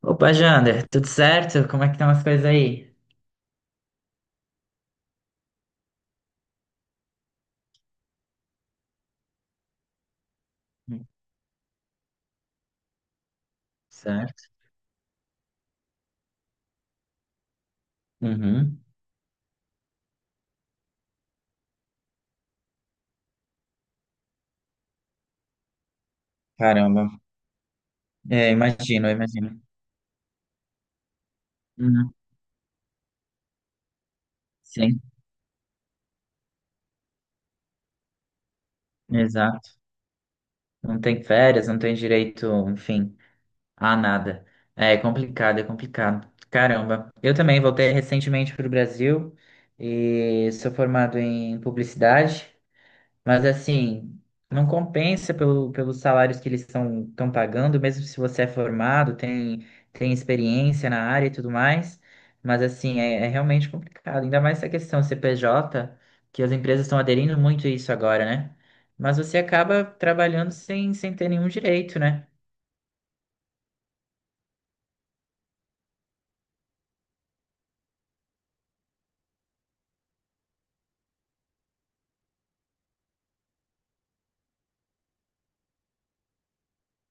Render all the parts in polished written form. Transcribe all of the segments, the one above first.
Opa, Jander, tudo certo? Como é que estão as coisas aí? Certo. Uhum. Caramba. É, imagino, eu imagino. Uhum. Sim, exato. Não tem férias, não tem direito, enfim, a nada. É complicado, é complicado. Caramba. Eu também voltei recentemente para o Brasil e sou formado em publicidade. Mas assim, não compensa pelos salários que eles estão pagando, mesmo se você é formado, tem experiência na área e tudo mais. Mas assim, é realmente complicado. Ainda mais essa questão CPJ, que as empresas estão aderindo muito a isso agora, né? Mas você acaba trabalhando sem ter nenhum direito, né?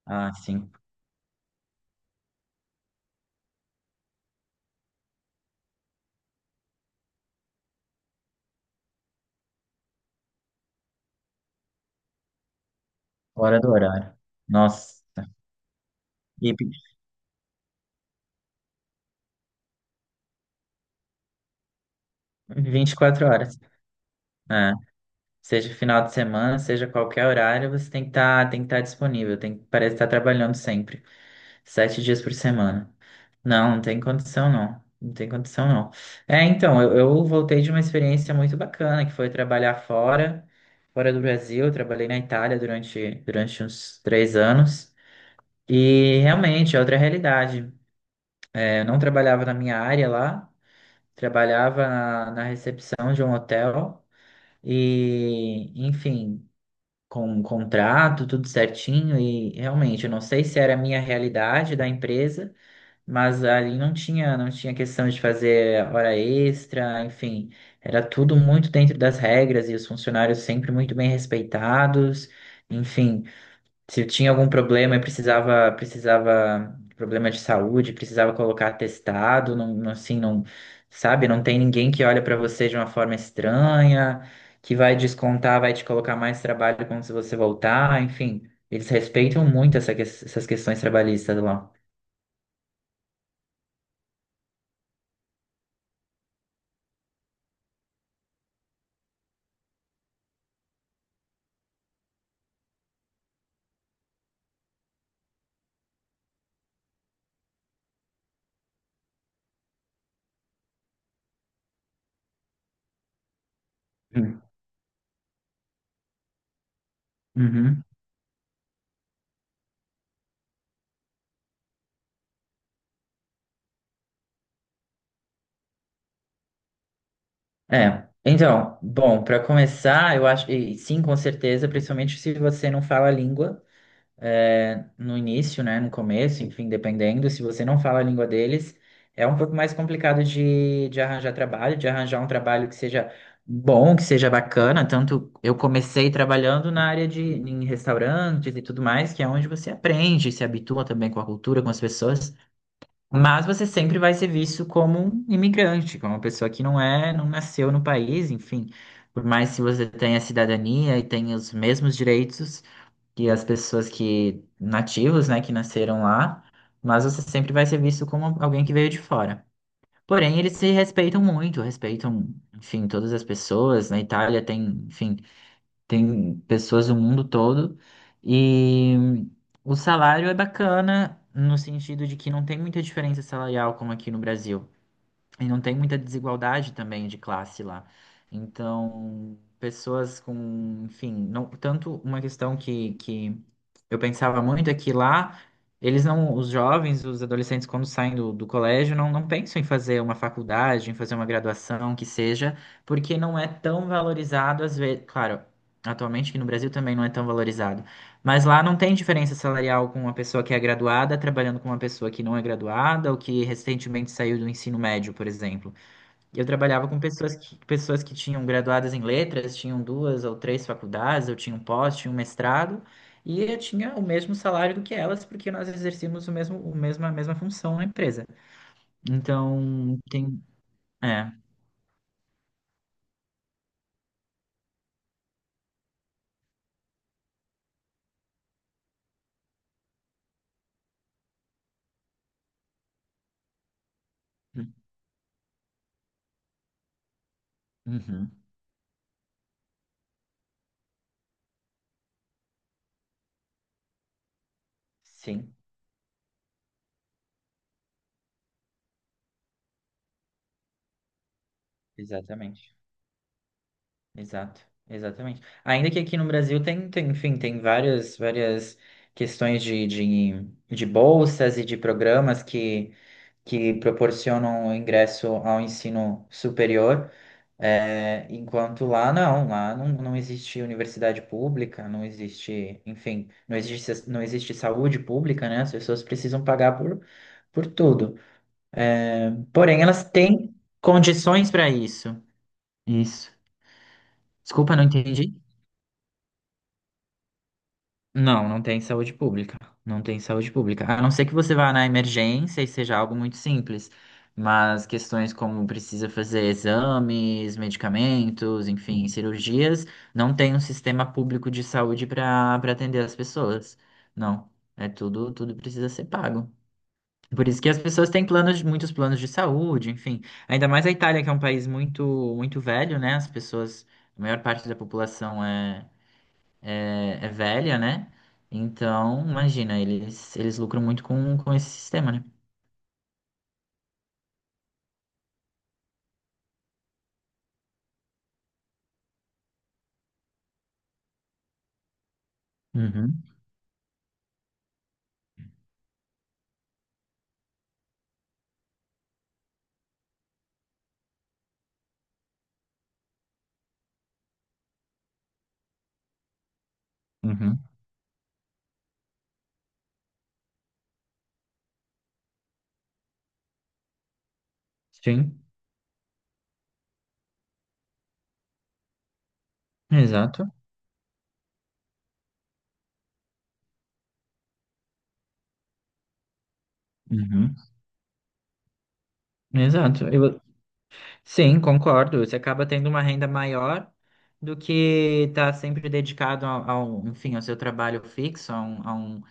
Ah, sim. Fora do horário. Nossa. E 24 horas. É. Seja final de semana, seja qualquer horário, você tem que estar disponível, tem que parece estar trabalhando sempre, 7 dias por semana. Não, não tem condição não, não tem condição não. É, então, eu voltei de uma experiência muito bacana, que foi trabalhar fora do Brasil, eu trabalhei na Itália durante uns 3 anos, e realmente é outra realidade. É, eu não trabalhava na minha área lá, trabalhava na recepção de um hotel, e, enfim, com um contrato, tudo certinho, e realmente, eu não sei se era a minha realidade da empresa, mas ali não tinha questão de fazer hora extra, enfim, era tudo muito dentro das regras e os funcionários sempre muito bem respeitados, enfim, se eu tinha algum problema e problema de saúde, precisava colocar atestado, assim, não, sabe, não tem ninguém que olha para você de uma forma estranha, que vai descontar, vai te colocar mais trabalho quando você voltar, enfim, eles respeitam muito essas questões trabalhistas lá. Hum. Uhum. É. Então, bom, para começar, eu acho, e sim, com certeza, principalmente se você não fala a língua, é, no início, né, no começo, enfim, dependendo, se você não fala a língua deles, é um pouco mais complicado de arranjar trabalho, de arranjar um trabalho que seja bom, que seja bacana. Tanto eu comecei trabalhando na área de em restaurantes e tudo mais, que é onde você aprende, se habitua também com a cultura, com as pessoas, mas você sempre vai ser visto como um imigrante, como uma pessoa que não é, não nasceu no país, enfim. Por mais que você tenha cidadania e tenha os mesmos direitos, que as pessoas que nativos, né, que nasceram lá, mas você sempre vai ser visto como alguém que veio de fora. Porém, eles se respeitam muito, respeitam, enfim, todas as pessoas. Na Itália tem, enfim, tem pessoas do mundo todo e o salário é bacana no sentido de que não tem muita diferença salarial como aqui no Brasil. E não tem muita desigualdade também de classe lá. Então, pessoas com, enfim, não, tanto uma questão que eu pensava muito é que lá eles não, os jovens, os adolescentes, quando saem do colégio, não pensam em fazer uma faculdade, em fazer uma graduação, que seja, porque não é tão valorizado às vezes. Claro, atualmente aqui no Brasil também não é tão valorizado, mas lá não tem diferença salarial com uma pessoa que é graduada trabalhando com uma pessoa que não é graduada ou que recentemente saiu do ensino médio, por exemplo. Eu trabalhava com pessoas que tinham graduadas em letras, tinham duas ou três faculdades, eu tinha um pós, tinha um mestrado, e eu tinha o mesmo salário do que elas, porque nós exercíamos a mesma função na empresa. Então, tem. É. Uhum. Sim, exatamente. Exato, exatamente. Ainda que aqui no Brasil enfim, tem várias questões de bolsas e de programas que proporcionam o ingresso ao ensino superior, é, enquanto lá não existe universidade pública, não existe, enfim, não existe saúde pública, né? As pessoas precisam pagar por tudo. É, porém, elas têm condições para isso. Isso. Desculpa, não entendi. Não, não tem saúde pública. Não tem saúde pública. A não ser que você vá na emergência e seja algo muito simples. Mas questões como precisa fazer exames, medicamentos, enfim, cirurgias, não tem um sistema público de saúde para atender as pessoas. Não. É tudo, tudo precisa ser pago. Por isso que as pessoas têm planos, muitos planos de saúde, enfim. Ainda mais a Itália, que é um país muito, muito velho, né? As pessoas, a maior parte da população é velha, né? Então, imagina, eles lucram muito com esse sistema, né? Uhum, uhum. Sim, exato. Uhum. Exato. Sim, concordo. Você acaba tendo uma renda maior do que tá sempre dedicado enfim, ao seu trabalho fixo, um,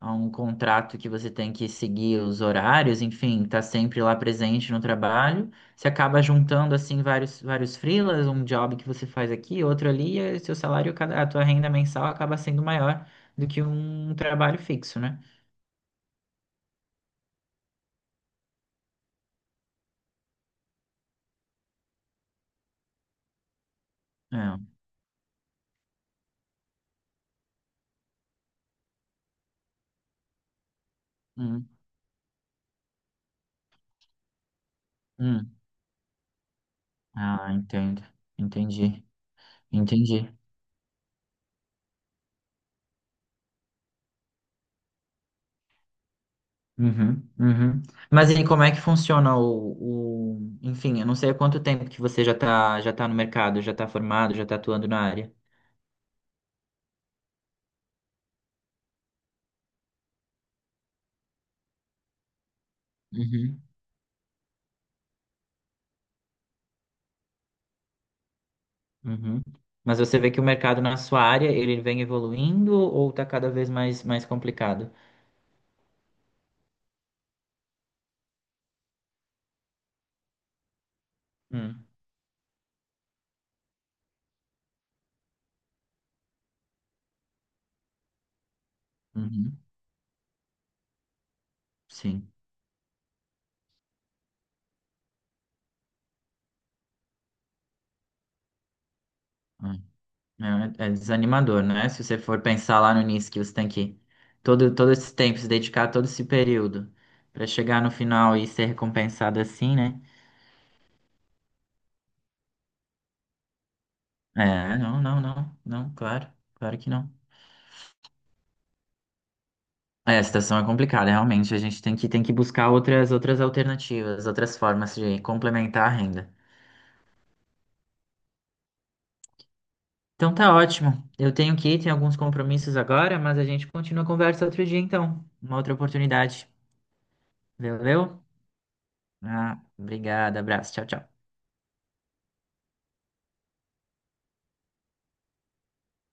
a um contrato que você tem que seguir os horários, enfim, tá sempre lá presente no trabalho. Você acaba juntando assim vários freelas, um job que você faz aqui, outro ali, e seu salário, cada- a tua renda mensal acaba sendo maior do que um trabalho fixo, né? É. Hum, hum. Ah, entendo. Entendi. Entendi. Uhum, uhum. Mas e como é que funciona Enfim, eu não sei há quanto tempo que você já tá no mercado, já tá formado, já tá atuando na área. Uhum. Mas você vê que o mercado na sua área, ele vem evoluindo ou tá cada vez mais complicado? Hum. Uhum. Sim. É, é desanimador, né? Se você for pensar lá no início que você tem que todo esse tempo, se dedicar a todo esse período para chegar no final e ser recompensado assim, né? É, não, não, não, não, claro, claro que não. É, a situação é complicada, realmente. A gente tem que buscar outras alternativas, outras formas de complementar a renda. Então tá ótimo. Eu tenho que ir, tenho alguns compromissos agora, mas a gente continua a conversa outro dia, então. Uma outra oportunidade. Valeu? Ah, obrigado, abraço. Tchau, tchau.